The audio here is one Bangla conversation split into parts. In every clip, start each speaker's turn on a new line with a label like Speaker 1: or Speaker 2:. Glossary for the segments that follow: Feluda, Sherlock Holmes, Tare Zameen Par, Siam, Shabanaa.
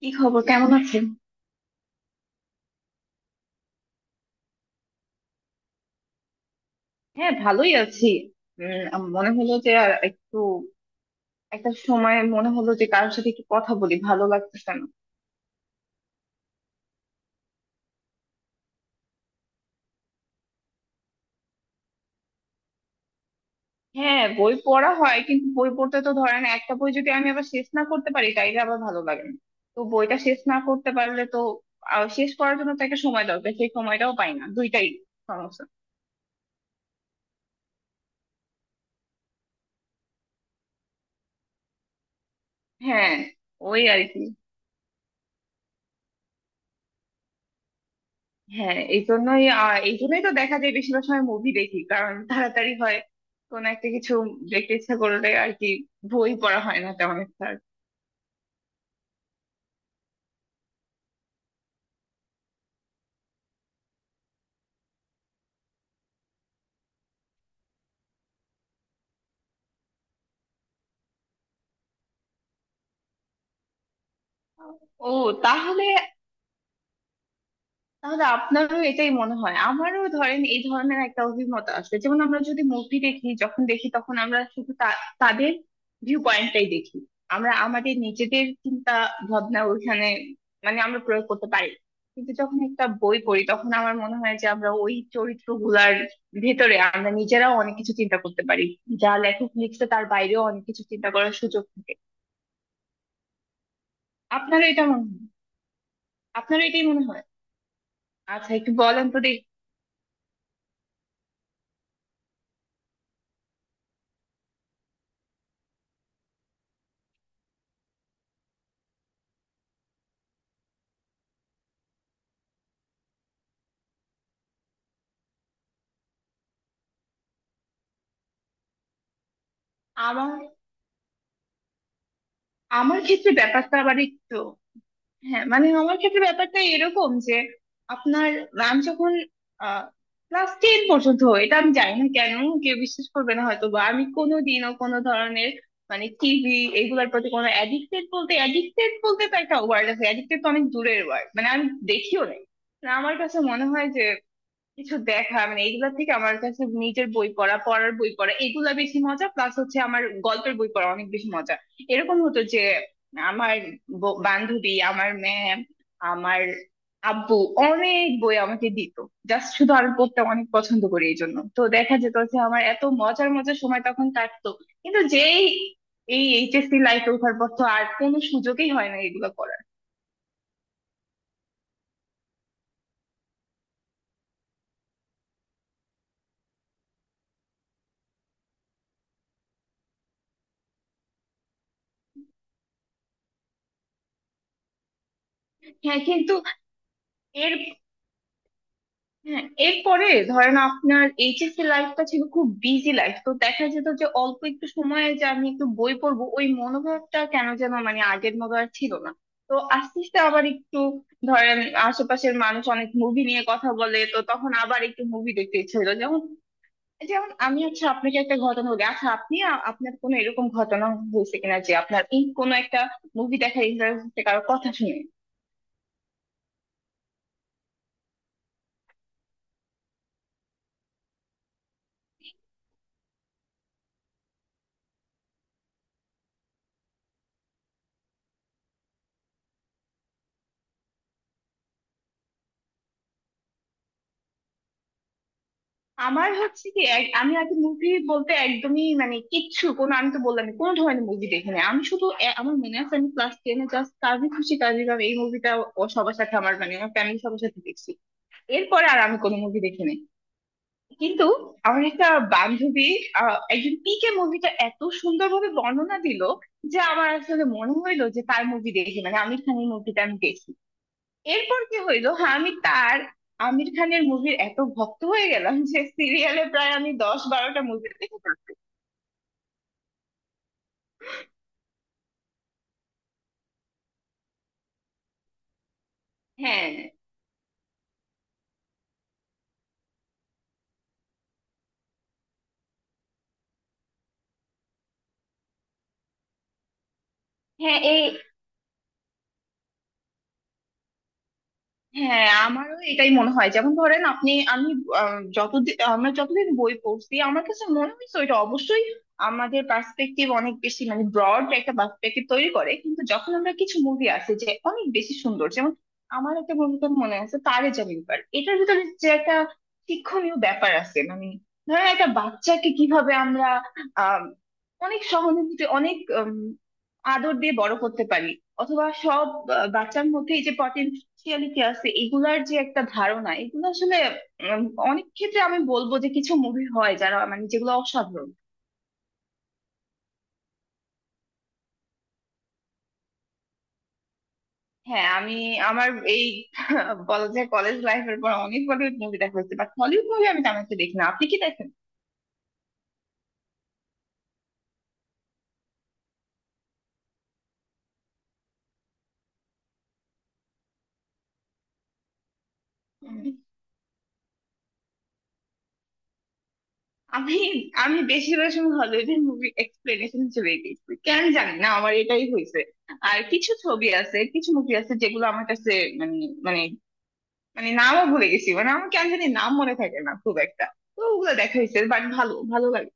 Speaker 1: কি খবর, কেমন আছেন? হ্যাঁ, ভালোই আছি। মনে হলো যে আর একটু একটা সময় মনে হলো যে কারোর সাথে একটু কথা বলি, ভালো লাগতেছে না। হ্যাঁ, বই পড়া হয়, কিন্তু বই পড়তে তো ধরেন একটা বই যদি আমি আবার শেষ না করতে পারি তাইলে আবার ভালো লাগে না। তো বইটা শেষ না করতে পারলে তো শেষ করার জন্য তো একটা সময় দরকার, সেই সময়টাও পাই না। দুইটাই সমস্যা। হ্যাঁ, ওই আর কি। হ্যাঁ, এই জন্যই এই জন্যই তো দেখা যায় বেশিরভাগ সময় মুভি দেখি, কারণ তাড়াতাড়ি হয়। কোন একটা কিছু দেখতে ইচ্ছা করলে আর কি, বই পড়া হয় না তেমন একটা। ও, তাহলে, আপনারও এটাই মনে হয়? আমারও ধরেন এই ধরনের একটা অভিমত আসবে, যেমন আমরা যদি মুভি দেখি, যখন দেখি তখন আমরা শুধু তাদের ভিউ পয়েন্টটাই দেখি। আমরা আমাদের নিজেদের চিন্তা ভাবনা ওইখানে মানে আমরা প্রয়োগ করতে পারি না। কিন্তু যখন একটা বই পড়ি তখন আমার মনে হয় যে আমরা ওই চরিত্রগুলার ভেতরে আমরা নিজেরাও অনেক কিছু চিন্তা করতে পারি, যা লেখক লিখছে তার বাইরেও অনেক কিছু চিন্তা করার সুযোগ থাকে। আপনারও এটা মনে হয়? আপনারও এটাই মনে হয়। আচ্ছা, একটু বলেন তো দেখি। আমার আমার ক্ষেত্রে ব্যাপারটা আবার একটু, হ্যাঁ মানে আমার ক্ষেত্রে ব্যাপারটা এরকম যে আপনার, আমি যখন ক্লাস টেন পর্যন্ত হয়, এটা আমি জানি না কেন কেউ বিশ্বাস করবে না, হয়তো বা আমি কোনোদিনও কোনো ধরনের মানে টিভি এগুলোর প্রতি কোনো অ্যাডিক্টেড, বলতে অ্যাডিক্টেড বলতে তো একটা ওয়ার্ড আছে, অ্যাডিক্টেড তো অনেক দূরের ওয়ার্ড, মানে আমি দেখিও নাই। না, আমার কাছে মনে হয় যে কিছু দেখা মানে এইগুলা থেকে আমার কাছে নিজের বই পড়া, পড়ার বই পড়া এগুলা বেশি মজা। প্লাস হচ্ছে আমার গল্পের বই পড়া অনেক বেশি মজা। এরকম হতো যে আমার বান্ধবী, আমার ম্যাম, আমার আব্বু অনেক বই আমাকে দিত। জাস্ট শুধু আমি পড়তে অনেক পছন্দ করি, এই জন্য তো দেখা যেত যে আমার এত মজার মজার সময় তখন কাটতো। কিন্তু যেই এই এইচএসসি লাইফে ওঠার পর তো আর কোনো সুযোগই হয় না এগুলো করার। হ্যাঁ, কিন্তু এর হ্যাঁ, এরপরে ধরেন আপনার এইচএসসি লাইফটা ছিল খুব বিজি লাইফ, তো দেখা যেত যে অল্প একটু সময়ে যে আমি একটু বই পড়বো, ওই মনোভাবটা কেন যেন মানে আগের মতো আর ছিল না। তো আস্তে আস্তে আবার একটু ধরেন আশেপাশের মানুষ অনেক মুভি নিয়ে কথা বলে, তো তখন আবার একটু মুভি দেখতে ইচ্ছে হলো। যেমন যেমন আমি হচ্ছে আপনাকে একটা ঘটনা বলি, আচ্ছা আপনি আপনার কোনো এরকম ঘটনা হয়েছে কিনা যে আপনার এই কোনো একটা মুভি দেখার ইন্টারেস্ট কারো কথা শুনে? আমার হচ্ছে কি, আমি আগে মুভি বলতে একদমই মানে কিচ্ছু কোনো, আমি তো বললাম কোনো ধরনের মুভি দেখিনি। আমি শুধু আমার মনে আছে আমি ক্লাস টেনে জাস্ট কাজী খুশি কাজী গাম এই মুভিটা, ও, সবার সাথে আমার মানে আমার ফ্যামিলি সবার সাথে দেখছি। এরপরে আর আমি কোনো মুভি দেখিনি। কিন্তু আমার একটা বান্ধবী একজন পিকে মুভিটা এত সুন্দরভাবে বর্ণনা দিল যে আমার আসলে মনে হইলো যে তার মুভি দেখি, মানে আমির খানের মুভিটা আমি দেখি। এরপর কি হইলো, হ্যাঁ আমি তার আমির খানের মুভির এত ভক্ত হয়ে গেলাম যে সিরিয়ালে প্রায় আমি 10-12টা মুভি দেখে ফেলছি। হ্যাঁ, হ্যাঁ, এই হ্যাঁ, আমারও এটাই মনে হয়। যেমন ধরেন আপনি, আমি যতদিন আমরা যতদিন বই পড়ছি আমার কাছে মনে হয়েছে ওইটা অবশ্যই আমাদের পার্সপেক্টিভ অনেক বেশি মানে ব্রড একটা পার্সপেক্টিভ তৈরি করে। কিন্তু যখন আমরা কিছু মুভি আছে যে অনেক বেশি সুন্দর, যেমন আমার একটা মুভিটার মনে আছে, তারে জামিন পার, এটার ভিতরে যে একটা শিক্ষণীয় ব্যাপার আছে। মানে ধরেন একটা বাচ্চাকে কিভাবে আমরা আহ অনেক সহানুভূতি, অনেক আদর দিয়ে বড় করতে পারি। অথবা সব বাচ্চার মধ্যে এই যে স্পিরিচুয়ালিটি আছে এগুলার যে একটা ধারণা, এগুলো আসলে উম, অনেক ক্ষেত্রে আমি বলবো যে কিছু মুভি হয় যারা মানে যেগুলো অসাধারণ। হ্যাঁ, আমি আমার এই বলা যায় কলেজ লাইফের পর অনেক বলিউড মুভি দেখা হয়েছে, বাট হলিউড মুভি আমি তেমন একটা দেখি না। আপনি কি দেখেন? উম, আমি, আমি বেশিরভাগ সময় হলিউডের মুভি এক্সপ্লেনেশন হিসেবে দেখি, কেন জানি না, আমার এটাই হয়েছে। আর কিছু ছবি আছে, কিছু মুভি আছে যেগুলো আমার কাছে মানে মানে মানে নামও ভুলে গেছি, মানে আমার কেন জানি নাম মনে থাকে না খুব একটা। তো ওগুলো দেখা হয়েছে, বাট ভালো, ভালো লাগে।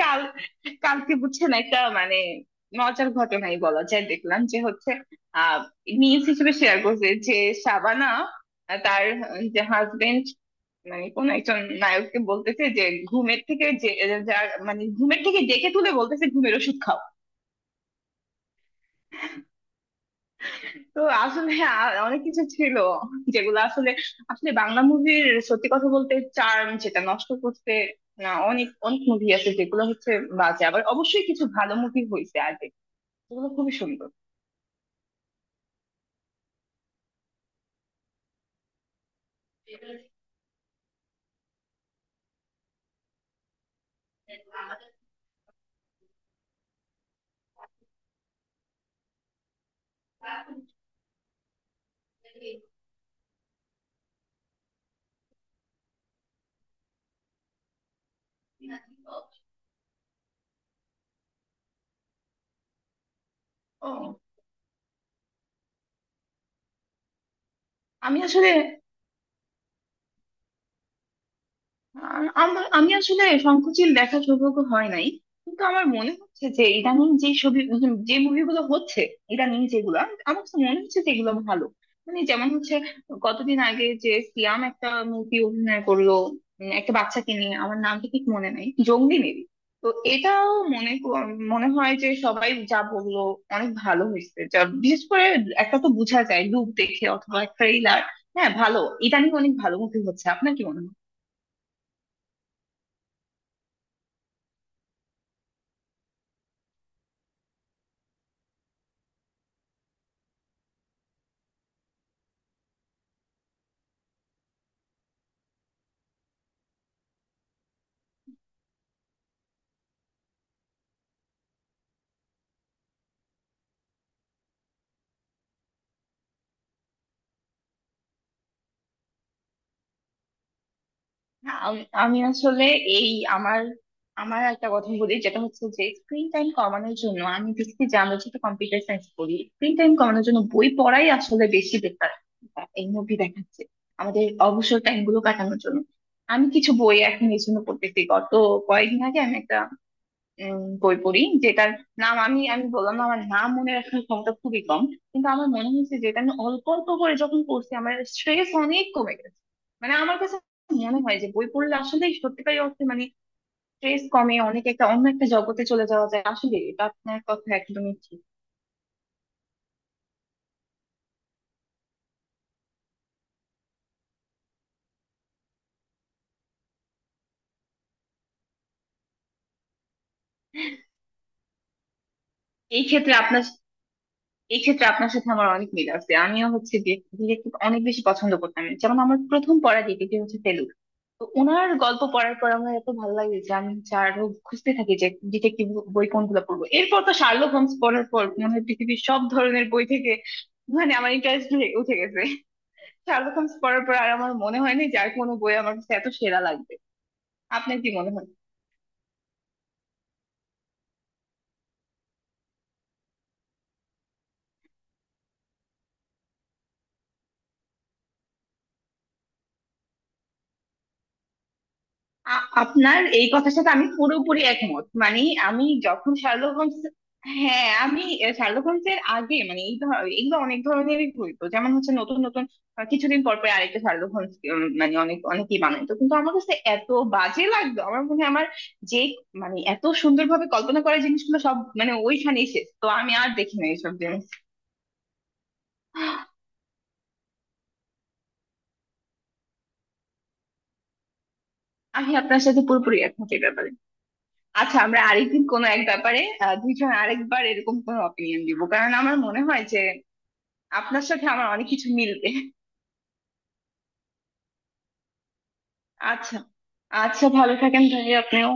Speaker 1: কাল কালকে বুঝছেন একটা মানে মজার ঘটনাই বলা যায়, দেখলাম যে হচ্ছে আহ নিউজ হিসেবে শেয়ার করছে যে শাবানা তার যে হাজবেন্ড মানে কোন একজন নায়ককে বলতেছে যে ঘুমের থেকে যে মানে ঘুমের থেকে ডেকে তুলে বলতেছে ঘুমের ওষুধ খাও। তো আসলে অনেক কিছু ছিল যেগুলো আসলে আসলে বাংলা মুভির সত্যি কথা বলতে চার্ম যেটা নষ্ট করতে, না অনেক অনেক মুভি আছে যেগুলো হচ্ছে বাজে। আবার অবশ্যই কিছু ভালো মুভি হয়েছে আগে যেগুলো খুবই সুন্দর। ও, আমি আসলে, আর আমি আসলে সংকোচিল দেখার সৌভাগ্য হয় নাই। কিন্তু আমার মনে হচ্ছে যে ইদানিং যে ছবি উম যে মুভিগুলো হচ্ছে ইদানিং যেগুলা আমার কাছে মনে হচ্ছে যে এগুলো ভালো। মানে যেমন হচ্ছে কতদিন আগে যে সিয়াম একটা মুভি অভিনয় করলো, একটা বাচ্চাকে নিয়ে, আমার নামটা ঠিক মনে নাই, জঙ্গলি মেবি। তো এটাও মনে ক- মনে হয় যে সবাই যা বললো অনেক ভালো হয়েছে, যা বিশেষ করে একটা তো বোঝা যায় লুক দেখে অথবা ট্রেইলার। হ্যাঁ, ভালো। ইদানিং অনেক ভালো মুভি হচ্ছে, আপনার কি মনে হয়? না, আমি আমি আসলে এই আমার আমার একটা কথা বলি যেটা হচ্ছে যে স্ক্রিন টাইম কমানোর জন্য, আমি দেখছি যে আমরা যেহেতু কম্পিউটার সায়েন্স করি, স্ক্রিন টাইম কমানোর জন্য বই পড়াই আসলে বেশি বেটার। এই মুভি দেখাচ্ছে আমাদের অবসর টাইম গুলো কাটানোর জন্য। আমি কিছু বই এখন এই জন্য পড়তেছি। গত কয়েকদিন আগে আমি একটা বই পড়ি যেটার নাম, আমি আমি বললাম না আমার নাম মনে রাখার ক্ষমতা খুবই কম। কিন্তু আমার মনে হয়েছে যেটা আমি অল্প অল্প করে যখন পড়ছি আমার স্ট্রেস অনেক কমে গেছে। মানে আমার কাছে মনে হয় যে বই পড়লে আসলে সত্যিকারই অর্থে মানে স্ট্রেস কমে অনেক, একটা অন্য একটা জগতে চলে যাওয়া যায় আসলে। এটা আপনার কথা একদমই ঠিক। এই ক্ষেত্রে আপনার এই ক্ষেত্রে আপনার সাথে আমার অনেক মিল আছে, আমিও হচ্ছে ডিটেকটিভ অনেক বেশি পছন্দ করতাম। যেমন আমার প্রথম পড়া ডিটেকটিভ হচ্ছে ফেলুদা। তো ওনার গল্প পড়ার পর আমার এত ভালো লাগে যে আমি হচ্ছে আরো খুঁজতে থাকি যে ডিটেকটিভ বই কোনগুলো পড়বো। এরপর তো শার্লক হোমস পড়ার পর মনে হয় পৃথিবীর সব ধরনের বই থেকে মানে আমার ইন্টারেস্ট উঠে গেছে। শার্লক হোমস পড়ার পর আর আমার মনে হয় না যে আর কোনো বই আমার কাছে এত সেরা লাগবে। আপনার কি মনে হয়? আপনার এই কথার সাথে আমি পুরোপুরি একমত। মানে আমি যখন শার্লক হোমস, হ্যাঁ আমি শার্লক হোমস এর আগে মানে এই এগুলো অনেক ধরনেরই হইতো, যেমন হচ্ছে নতুন নতুন কিছুদিন পর পর আরেকটা শার্লক হোমস মানে অনেক অনেকেই বানাইতো কিন্তু আমার কাছে এত বাজে লাগতো। আমার মনে হয় আমার যে মানে এত সুন্দরভাবে কল্পনা করা জিনিসগুলো সব মানে ওইখানেই শেষ, তো আমি আর দেখি না এইসব জিনিস। আমি আপনার সাথে পুরোপুরি একমত এই ব্যাপারে। আচ্ছা, আমরা আরেকদিন কোনো এক ব্যাপারে দুইজন আরেকবার এরকম কোনো অপিনিয়ন দিব, কারণ আমার মনে হয় যে আপনার সাথে আমার অনেক কিছু মিলবে। আচ্ছা, আচ্ছা, ভালো থাকেন ভাই, আপনিও।